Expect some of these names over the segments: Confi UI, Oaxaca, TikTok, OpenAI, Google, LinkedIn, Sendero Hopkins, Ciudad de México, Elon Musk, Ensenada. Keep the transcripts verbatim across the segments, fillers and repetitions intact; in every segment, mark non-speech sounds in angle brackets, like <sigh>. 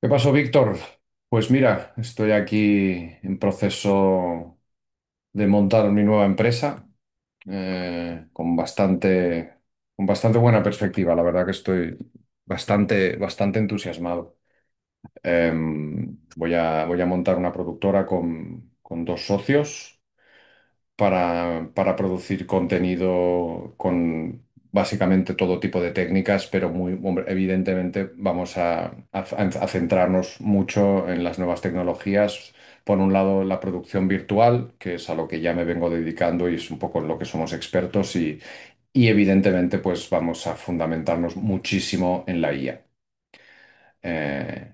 ¿Qué pasó, Víctor? Pues mira, estoy aquí en proceso de montar mi nueva empresa eh, con bastante, con bastante buena perspectiva. La verdad que estoy bastante, bastante entusiasmado. Eh, voy a, voy a montar una productora con, con dos socios para, para producir contenido con básicamente todo tipo de técnicas, pero muy, hombre, evidentemente vamos a, a- a centrarnos mucho en las nuevas tecnologías. Por un lado, la producción virtual, que es a lo que ya me vengo dedicando y es un poco en lo que somos expertos, y, y evidentemente, pues vamos a fundamentarnos muchísimo en la I A. Eh,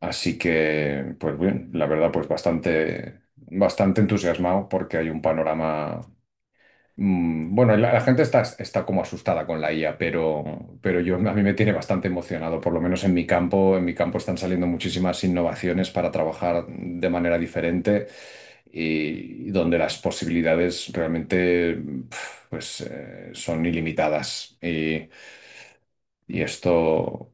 Así que, pues bien, la verdad, pues bastante, bastante entusiasmado porque hay un panorama. Mm, Bueno, la, la gente está, está como asustada con la I A, pero, pero yo, a mí me tiene bastante emocionado, por lo menos en mi campo. En mi campo están saliendo muchísimas innovaciones para trabajar de manera diferente, y, y donde las posibilidades realmente, pf, pues, eh, son ilimitadas. Y, y esto,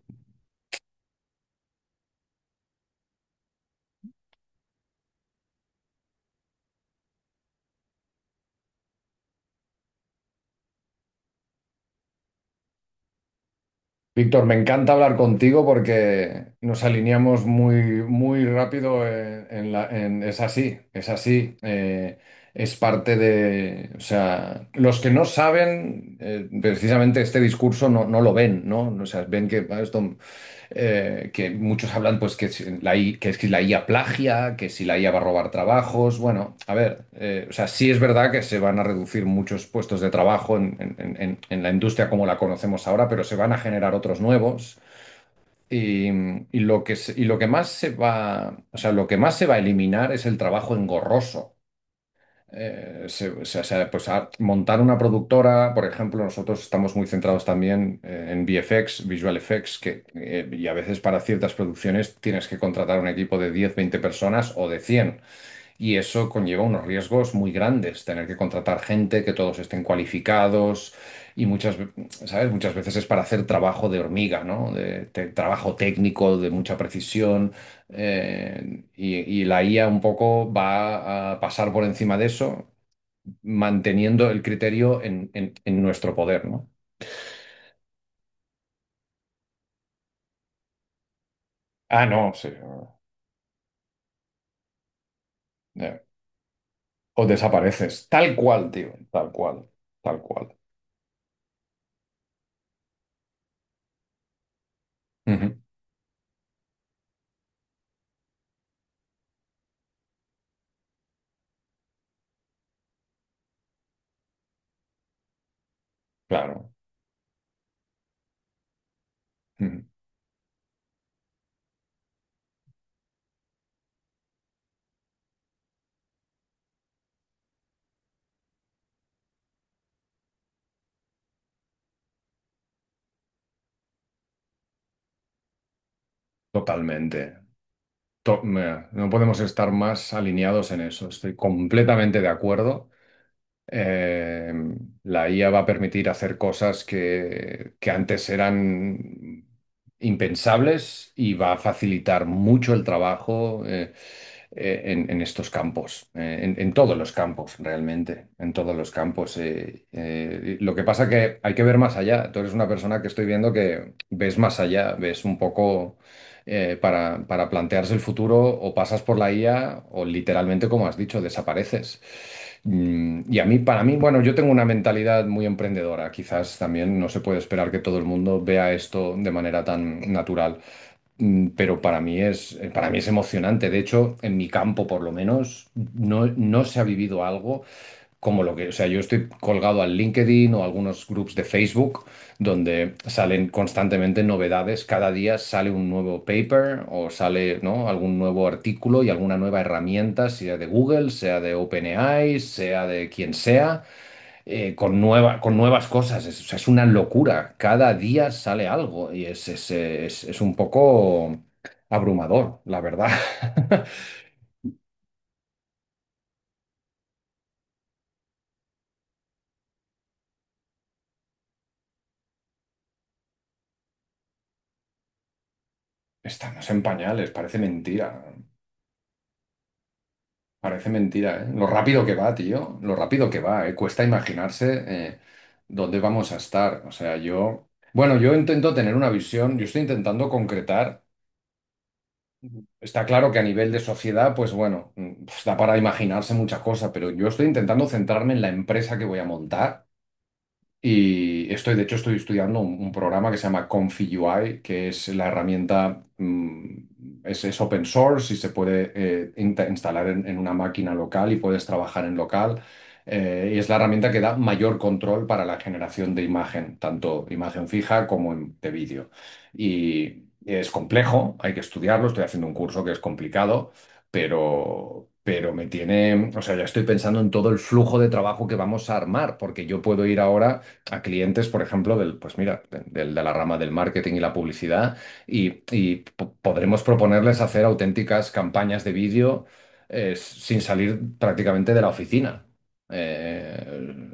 Víctor, me encanta hablar contigo porque nos alineamos muy, muy rápido en, en la, en- es así, es así. Eh, es parte de, o sea, los que no saben, eh, precisamente este discurso no, no lo ven, ¿no? O sea, ven que, ah, esto, eh, que muchos hablan pues que si la I- A, que si la I A plagia, que si la I A va a robar trabajos. Bueno, a ver, eh, o sea, sí es verdad que se van a reducir muchos puestos de trabajo en, en- en- en la industria como la conocemos ahora, pero se van a generar otros nuevos. Y, y lo que, se- y lo que más se va, o sea, lo que más se va a eliminar es el trabajo engorroso. Eh, se- se- se- pues a- montar una productora, por ejemplo, nosotros estamos muy centrados también eh, en V F X, Visual Effects, que, eh, y a veces para ciertas producciones tienes que contratar un equipo de diez veinte personas o de cien, y eso conlleva unos riesgos muy grandes, tener que contratar gente, que todos estén cualificados, y muchas, ve- ¿sabes? Muchas veces es para hacer trabajo de hormiga, ¿no? De, te- trabajo técnico, de mucha precisión. eh, y, y la I A un poco va a pasar por encima de eso, manteniendo el criterio en, en- en nuestro poder, ¿no? Ah, no, sí. eh, O desapareces. Tal cual, tío. Tal cual. Tal cual. Ujú. Claro. Ujú. Totalmente. To- me- No podemos estar más alineados en eso. Estoy completamente de acuerdo. Eh, la I A va a permitir hacer cosas que, que antes eran impensables, y va a facilitar mucho el trabajo, eh, eh, en, en estos campos, eh, en, en todos los campos realmente, en todos los campos. Eh, eh, lo que pasa que hay que ver más allá. Tú eres una persona que estoy viendo que ves más allá, ves un poco, eh, para, para plantearse el futuro, o pasas por la I A o literalmente, como has dicho, desapareces. Mm, Y a mí, para mí, bueno, yo tengo una mentalidad muy emprendedora. Quizás también no se puede esperar que todo el mundo vea esto de manera tan natural. Mm, Pero para mí es, eh, para mí es emocionante. De hecho, en mi campo, por lo menos, no, no se ha vivido algo como lo que, o sea, yo estoy colgado al LinkedIn o a algunos groups de Facebook donde salen constantemente novedades. Cada día sale un nuevo paper o sale, ¿no?, algún nuevo artículo y alguna nueva herramienta, sea de Google, sea de OpenAI, sea de quien sea, eh, con nueva, con nuevas cosas. Es, o sea, es una locura. Cada día sale algo y es, es, es, es un poco abrumador, la verdad. <laughs> Estamos en pañales, parece mentira. Parece mentira, ¿eh? Lo rápido que va, tío, lo rápido que va, ¿eh? Cuesta imaginarse eh, dónde vamos a estar. O sea, yo, bueno, yo intento tener una visión, yo estoy intentando concretar. Ujú. Está claro que a nivel de sociedad, pues bueno, mm, pues da para imaginarse muchas cosas, pero yo estoy intentando centrarme en la empresa que voy a montar. Y estoy, de hecho, estoy estudiando un, un programa que se llama Confi U I, que es la herramienta, mm, es, es open source, y se puede eh, inta- instalar en, en una máquina local y puedes trabajar en local. Eh, y es la herramienta que da mayor control para la generación de imagen, tanto imagen fija como en- de vídeo. Y es complejo, hay que estudiarlo, estoy haciendo un curso que es complicado, pero, pero me tiene, o sea, ya estoy pensando en todo el flujo de trabajo que vamos a armar, porque yo puedo ir ahora a clientes, por ejemplo, del, pues mira, de, del- de la rama del marketing y la publicidad, y, y po- podremos proponerles hacer auténticas campañas de vídeo eh, sin salir prácticamente de la oficina. Eh,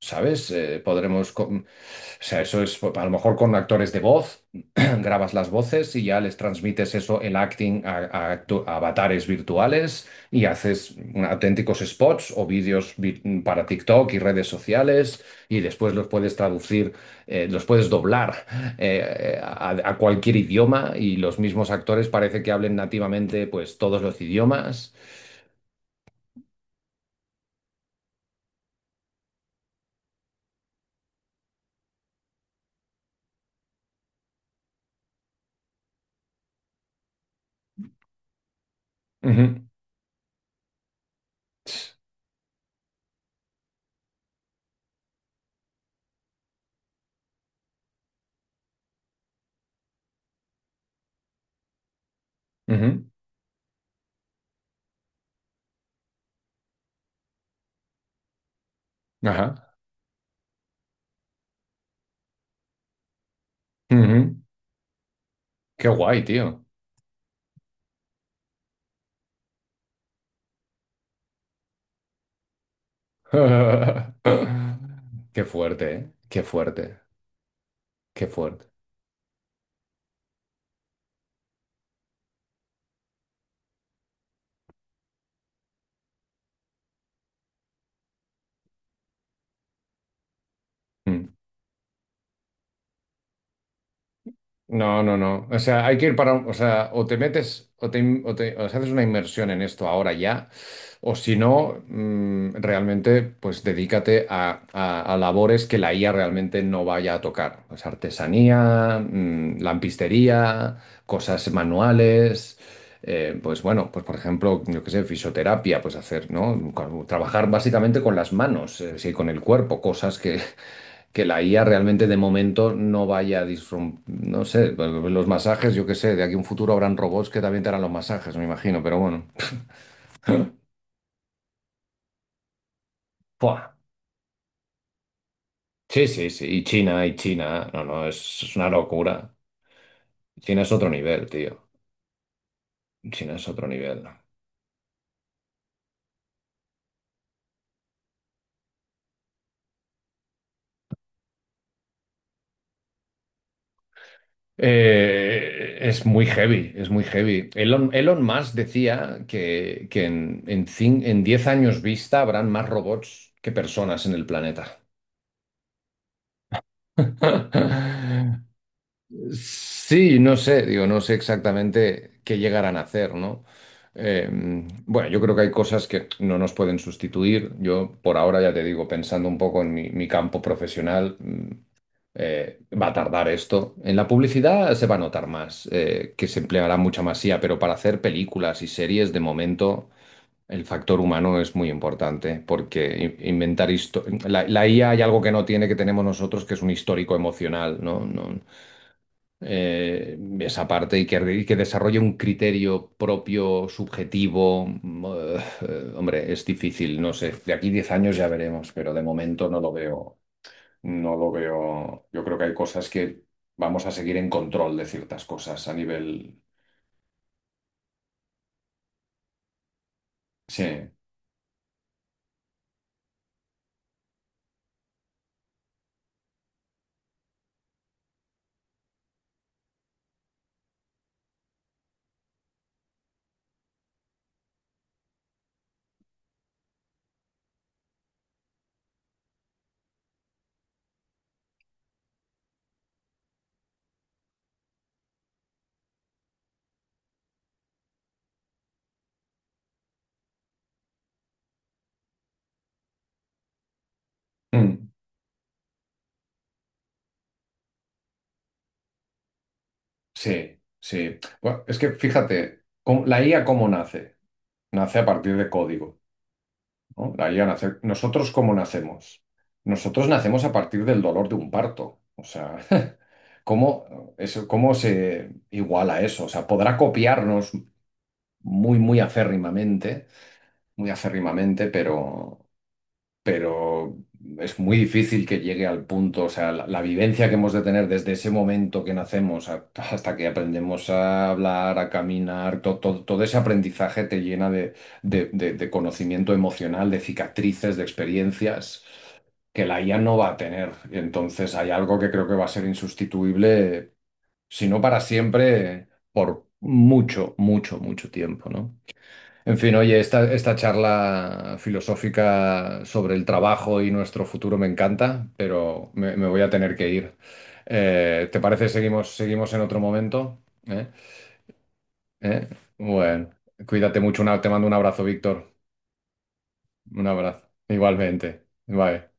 ¿Sabes? Eh, podremos... con- O sea, eso es, a lo mejor con actores de voz, <clears throat> grabas las voces y ya les transmites eso, el acting, a, a actu- a avatares virtuales, y haces auténticos spots o vídeos vi- para TikTok y redes sociales, y después los puedes traducir, eh, los puedes doblar eh, a, a cualquier idioma, y los mismos actores parece que hablen nativamente pues todos los idiomas. Ujú. Ujú. Ajá. Ujú. Qué guay, tío. <laughs> Qué fuerte, ¿eh? Qué fuerte, qué fuerte. Mm. No, no, no. O sea, hay que ir para, un- o sea, o te metes, o te, in- o te- o sea, haces una inmersión en esto ahora ya, o si no, mm, realmente, pues dedícate a, a- a labores que la I A realmente no vaya a tocar. Pues artesanía, mm, lampistería, cosas manuales. Eh, pues bueno, pues por ejemplo, yo qué sé, fisioterapia, pues hacer, ¿no? Con- Trabajar básicamente con las manos, eh, sí, con el cuerpo, cosas que que la I A realmente de momento no vaya a disrum- no sé, los masajes, yo qué sé, de aquí a un futuro habrán robots que también te harán los masajes, me imagino, pero bueno. Buah. Sí, sí, sí, y China, y China, no, no, es, es una locura. China es otro nivel, tío. China es otro nivel. Eh, es muy heavy, es muy heavy. Elon, Elon Musk decía que, que en, en, cin- en diez años vista habrán más robots que personas en el planeta. <laughs> Sí, no sé, digo, no sé exactamente qué llegarán a hacer, ¿no? Eh, bueno, yo creo que hay cosas que no nos pueden sustituir. Yo, por ahora, ya te digo, pensando un poco en mi, mi campo profesional, mm, eh, va a tardar esto. En la publicidad se va a notar más, eh, que se empleará mucha más I A, pero para hacer películas y series, de momento, el factor humano es muy importante, porque in- inventar histo- la, la I A hay algo que no tiene, que tenemos nosotros, que es un histórico emocional, ¿no? No, eh, esa parte, y que, y que desarrolle un criterio propio, subjetivo. Mm, eh, hombre, es difícil, no sé. De aquí diez años ya veremos, pero de momento no lo veo. No lo veo. Yo creo que hay cosas que vamos a seguir en control de ciertas cosas a nivel. Sí. Mm, sí, sí. Bueno, es que fíjate, ¿cómo- la I A cómo nace? Nace a partir de código. ¿No? Ahí a nacer. ¿Nosotros cómo nacemos? Nosotros nacemos a partir del dolor de un parto. O sea, <laughs> ¿cómo, eso, cómo se iguala eso? O sea, podrá copiarnos muy, muy acérrimamente, muy acérrimamente, pero pero es muy difícil que llegue al punto, o sea, la, la vivencia que hemos de tener desde ese momento que nacemos a- hasta que aprendemos a hablar, a caminar, to- to- todo ese aprendizaje te llena de, de- de- de conocimiento emocional, de cicatrices, de experiencias que la I A no va a tener. Entonces hay algo que creo que va a ser insustituible, si no para siempre, por mucho, mucho, mucho tiempo, ¿no? En fin, oye, esta, esta charla filosófica sobre el trabajo y nuestro futuro me encanta, pero me, me voy a tener que ir. Eh, ¿te parece seguimos, seguimos en otro momento? ¿Eh? ¿Eh? Bueno, cuídate mucho, una- te mando un abrazo, Víctor. Un abrazo. Igualmente. Bye.